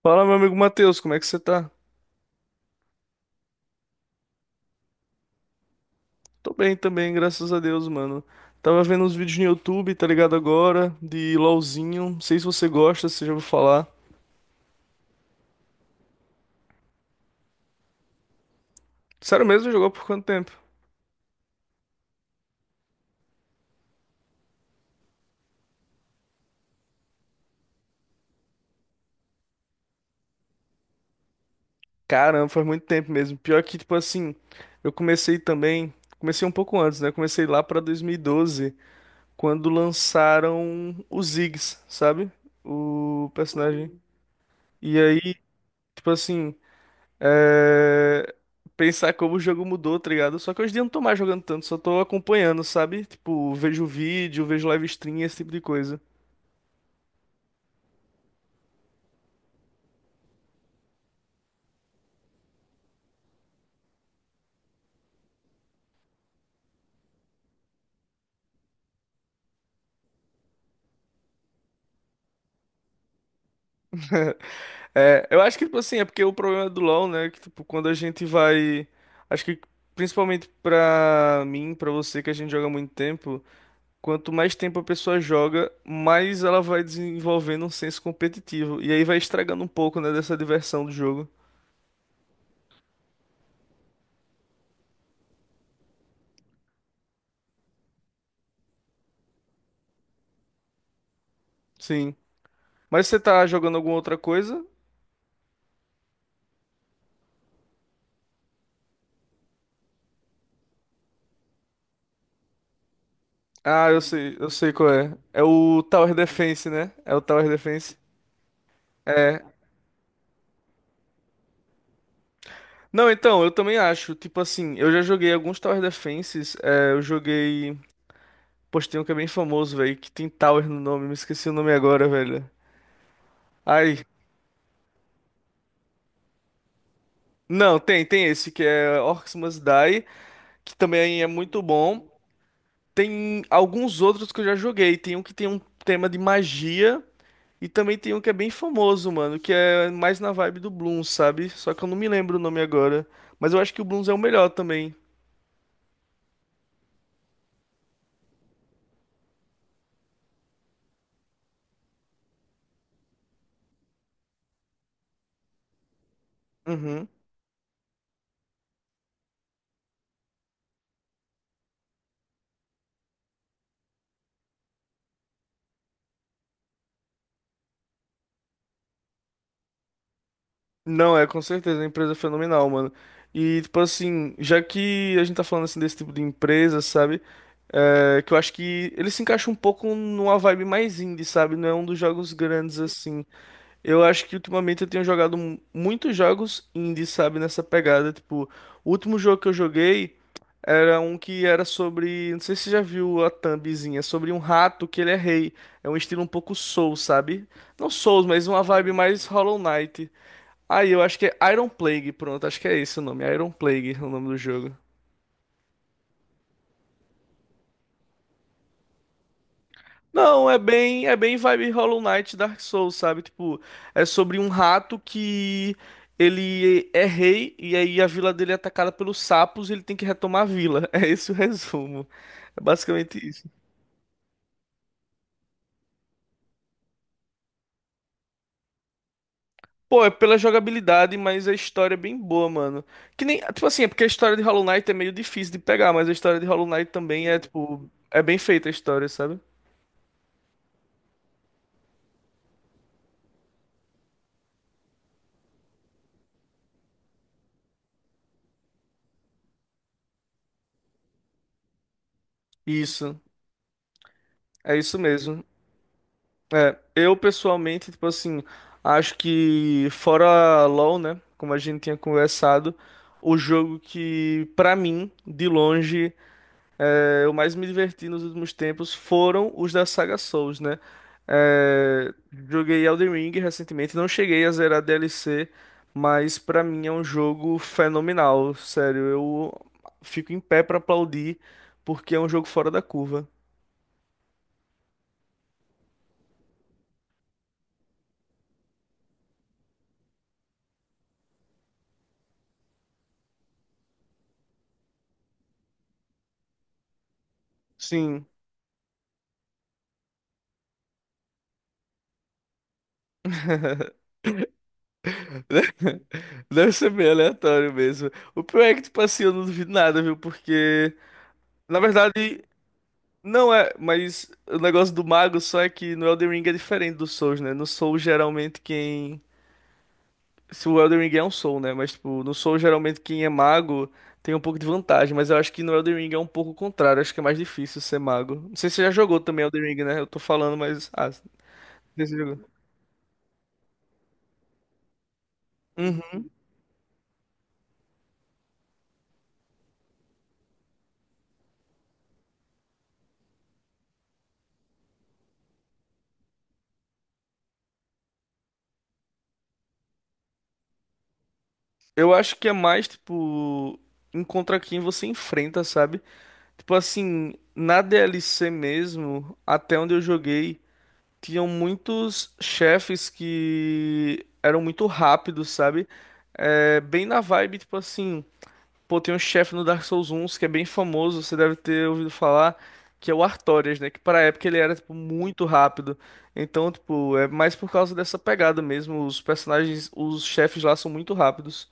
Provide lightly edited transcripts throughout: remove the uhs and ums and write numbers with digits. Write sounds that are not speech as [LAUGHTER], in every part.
Fala, meu amigo Matheus, como é que você tá? Tô bem também, graças a Deus, mano. Tava vendo uns vídeos no YouTube, tá ligado agora, de LOLzinho. Não sei se você gosta, se você já ouviu falar. Sério mesmo, jogou por quanto tempo? Caramba, faz muito tempo mesmo. Pior que, tipo assim, eu comecei também, comecei um pouco antes, né? Comecei lá pra 2012, quando lançaram o Ziggs, sabe? O personagem. E aí, tipo assim, é, pensar como o jogo mudou, tá ligado? Só que hoje em dia eu não tô mais jogando tanto, só tô acompanhando, sabe? Tipo, vejo vídeo, vejo live stream, esse tipo de coisa. [LAUGHS] É, eu acho que, tipo assim, é porque o problema do LoL, né? Que, tipo, quando a gente vai. Acho que principalmente pra mim, pra você, que a gente joga há muito tempo, quanto mais tempo a pessoa joga, mais ela vai desenvolvendo um senso competitivo. E aí vai estragando um pouco, né, dessa diversão do jogo. Sim. Mas você tá jogando alguma outra coisa? Ah, eu sei qual é. É o Tower Defense, né? É o Tower Defense. Não, então, eu também acho. Tipo assim, eu já joguei alguns Tower Defenses. Eu joguei. Poxa, tem um que é bem famoso, velho, que tem Tower no nome. Me esqueci o nome agora, velho. Ai. Não, tem esse, que é Orcs Must Die, que também é muito bom. Tem alguns outros que eu já joguei. Tem um que tem um tema de magia. E também tem um que é bem famoso, mano, que é mais na vibe do Bloons, sabe? Só que eu não me lembro o nome agora. Mas eu acho que o Bloons é o melhor também. Uhum. Não, é com certeza, uma empresa é fenomenal, mano. E, tipo assim, já que a gente tá falando assim desse tipo de empresa, sabe? É, que eu acho que ele se encaixa um pouco numa vibe mais indie, sabe? Não é um dos jogos grandes assim. Eu acho que ultimamente eu tenho jogado muitos jogos indie, sabe, nessa pegada. Tipo, o último jogo que eu joguei era um que era sobre. Não sei se você já viu a thumbzinha, sobre um rato que ele é rei. É um estilo um pouco Soul, sabe? Não Souls, mas uma vibe mais Hollow Knight. Aí eu acho que é Iron Plague, pronto, acho que é esse o nome, Iron Plague, é o nome do jogo. Não, é bem vibe Hollow Knight Dark Souls, sabe? Tipo, é sobre um rato que ele é rei e aí a vila dele é atacada pelos sapos e ele tem que retomar a vila. [LAUGHS] É esse o resumo. É basicamente isso. Pô, é pela jogabilidade, mas a história é bem boa, mano. Que nem, tipo assim, é porque a história de Hollow Knight é meio difícil de pegar, mas a história de Hollow Knight também é, tipo, é bem feita a história, sabe? Isso, é isso mesmo. É, eu pessoalmente, tipo assim, acho que fora LoL, né, como a gente tinha conversado, o jogo que pra mim, de longe, eu mais me diverti nos últimos tempos foram os da saga Souls, né? É, joguei Elden Ring recentemente, não cheguei a zerar DLC, mas pra mim é um jogo fenomenal, sério, eu fico em pé pra aplaudir porque é um jogo fora da curva. Sim. [LAUGHS] Deve ser bem aleatório mesmo. O pior é que, tipo assim, eu não duvido nada, viu? Porque, na verdade, não é. Mas o negócio do mago só é que no Elden Ring é diferente do Souls, né? No Souls, geralmente, quem. Se o Elden Ring é um Soul, né? Mas, tipo, no Soul geralmente, quem é mago tem um pouco de vantagem. Mas eu acho que no Elden Ring é um pouco o contrário. Acho que é mais difícil ser mago. Não sei se você já jogou também Elden Ring, né? Eu tô falando, mas. Ah, não sei se você jogou. Uhum. Eu acho que é mais, tipo. Encontra quem você enfrenta, sabe? Tipo assim, na DLC mesmo, até onde eu joguei, tinham muitos chefes que eram muito rápidos, sabe? É, bem na vibe, tipo assim, pô, tem um chefe no Dark Souls 1 que é bem famoso, você deve ter ouvido falar, que é o Artorias, né? Que pra época ele era, tipo, muito rápido. Então, tipo, é mais por causa dessa pegada mesmo. Os personagens, os chefes lá são muito rápidos.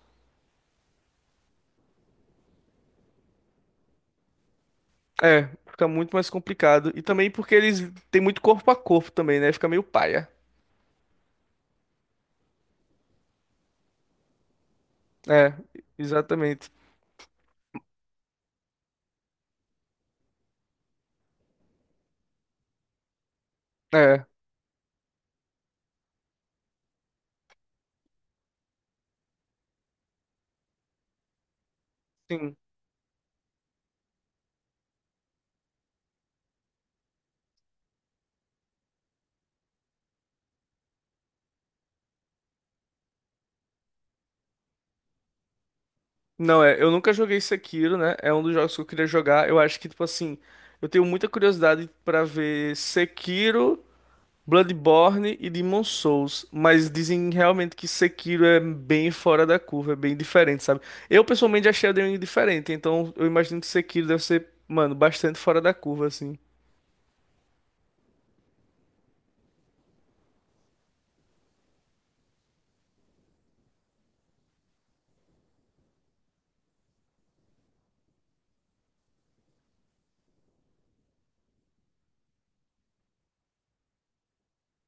É, fica muito mais complicado. E também porque eles têm muito corpo a corpo também, né? Fica meio paia. É, exatamente. É, sim. Não, eu nunca joguei Sekiro, né? É um dos jogos que eu queria jogar. Eu acho que, tipo assim, eu tenho muita curiosidade pra ver Sekiro, Bloodborne e Demon Souls, mas dizem realmente que Sekiro é bem fora da curva, é bem diferente, sabe? Eu pessoalmente achei a Elden Ring diferente, então eu imagino que Sekiro deve ser, mano, bastante fora da curva, assim.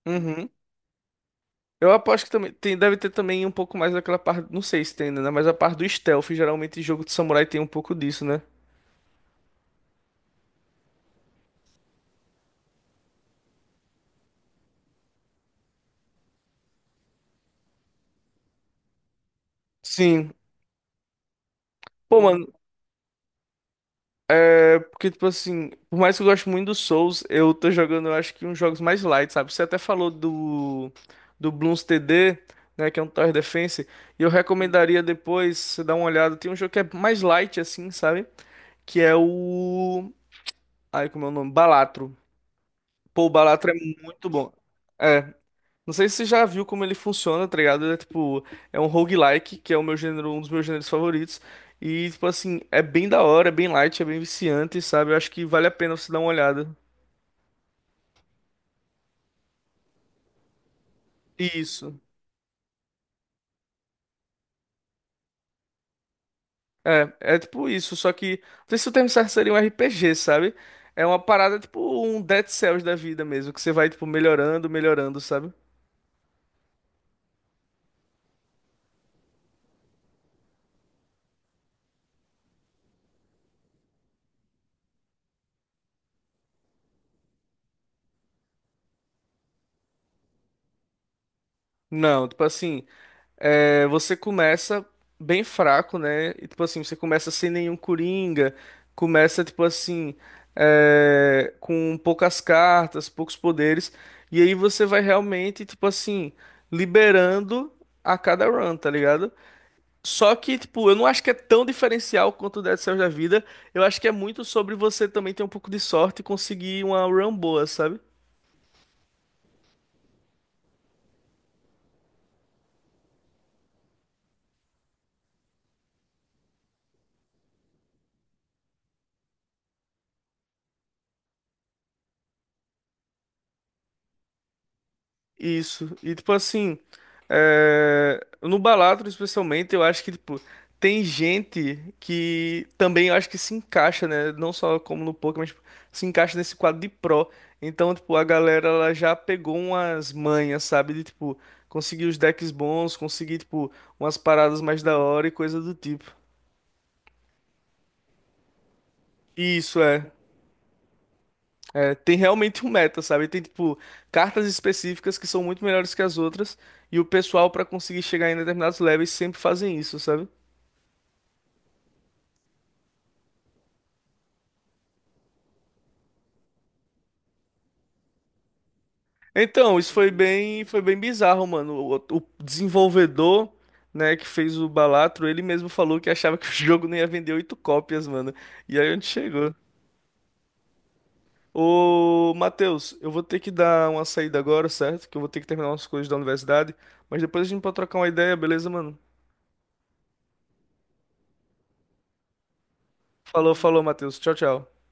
Uhum. Eu aposto que também tem, deve ter também um pouco mais daquela parte, não sei se tem ainda, né? Mas a parte do stealth, geralmente jogo de samurai tem um pouco disso, né? Sim. Pô, mano, é porque, tipo assim, por mais que eu goste muito do Souls, eu tô jogando, eu acho que uns jogos mais light, sabe? Você até falou do, Bloons TD, né, que é um Tower Defense, e eu recomendaria depois você dar uma olhada. Tem um jogo que é mais light, assim, sabe? Que é o... Ai, como é o nome? Balatro. Pô, o Balatro é muito bom. É. Não sei se você já viu como ele funciona, tá ligado? É tipo, é um roguelike, que é o meu gênero, um dos meus gêneros favoritos. E, tipo assim, é bem da hora, é bem light, é bem viciante, sabe? Eu acho que vale a pena você dar uma olhada. Isso. É tipo isso, só que. Não sei se o termo certo seria um RPG, sabe? É uma parada tipo um Dead Cells da vida mesmo, que você vai, tipo, melhorando, melhorando, sabe? Não, tipo assim. É, você começa bem fraco, né? E, tipo assim, você começa sem nenhum coringa, começa, tipo assim, com poucas cartas, poucos poderes, e aí você vai realmente, tipo assim, liberando a cada run, tá ligado? Só que, tipo, eu não acho que é tão diferencial quanto o Dead Cells da vida, eu acho que é muito sobre você também ter um pouco de sorte e conseguir uma run boa, sabe? Isso. E tipo assim, no Balatro especialmente, eu acho que tipo tem gente que também eu acho que se encaixa, né? Não só como no poker, mas tipo, se encaixa nesse quadro de pro. Então, tipo, a galera ela já pegou umas manhas, sabe? De tipo conseguir os decks bons, conseguir tipo umas paradas mais da hora e coisa do tipo. Isso é. É, tem realmente um meta, sabe? Tem, tipo, cartas específicas que são muito melhores que as outras, e o pessoal, pra conseguir chegar em determinados levels, sempre fazem isso, sabe? Então, isso foi bem bizarro, mano. O desenvolvedor, né, que fez o Balatro, ele mesmo falou que achava que o [LAUGHS] jogo não ia vender oito cópias, mano. E aí a gente chegou. Ô, Matheus, eu vou ter que dar uma saída agora, certo? Que eu vou ter que terminar umas coisas da universidade, mas depois a gente pode trocar uma ideia, beleza, mano? Falou, falou, Matheus. Tchau, tchau.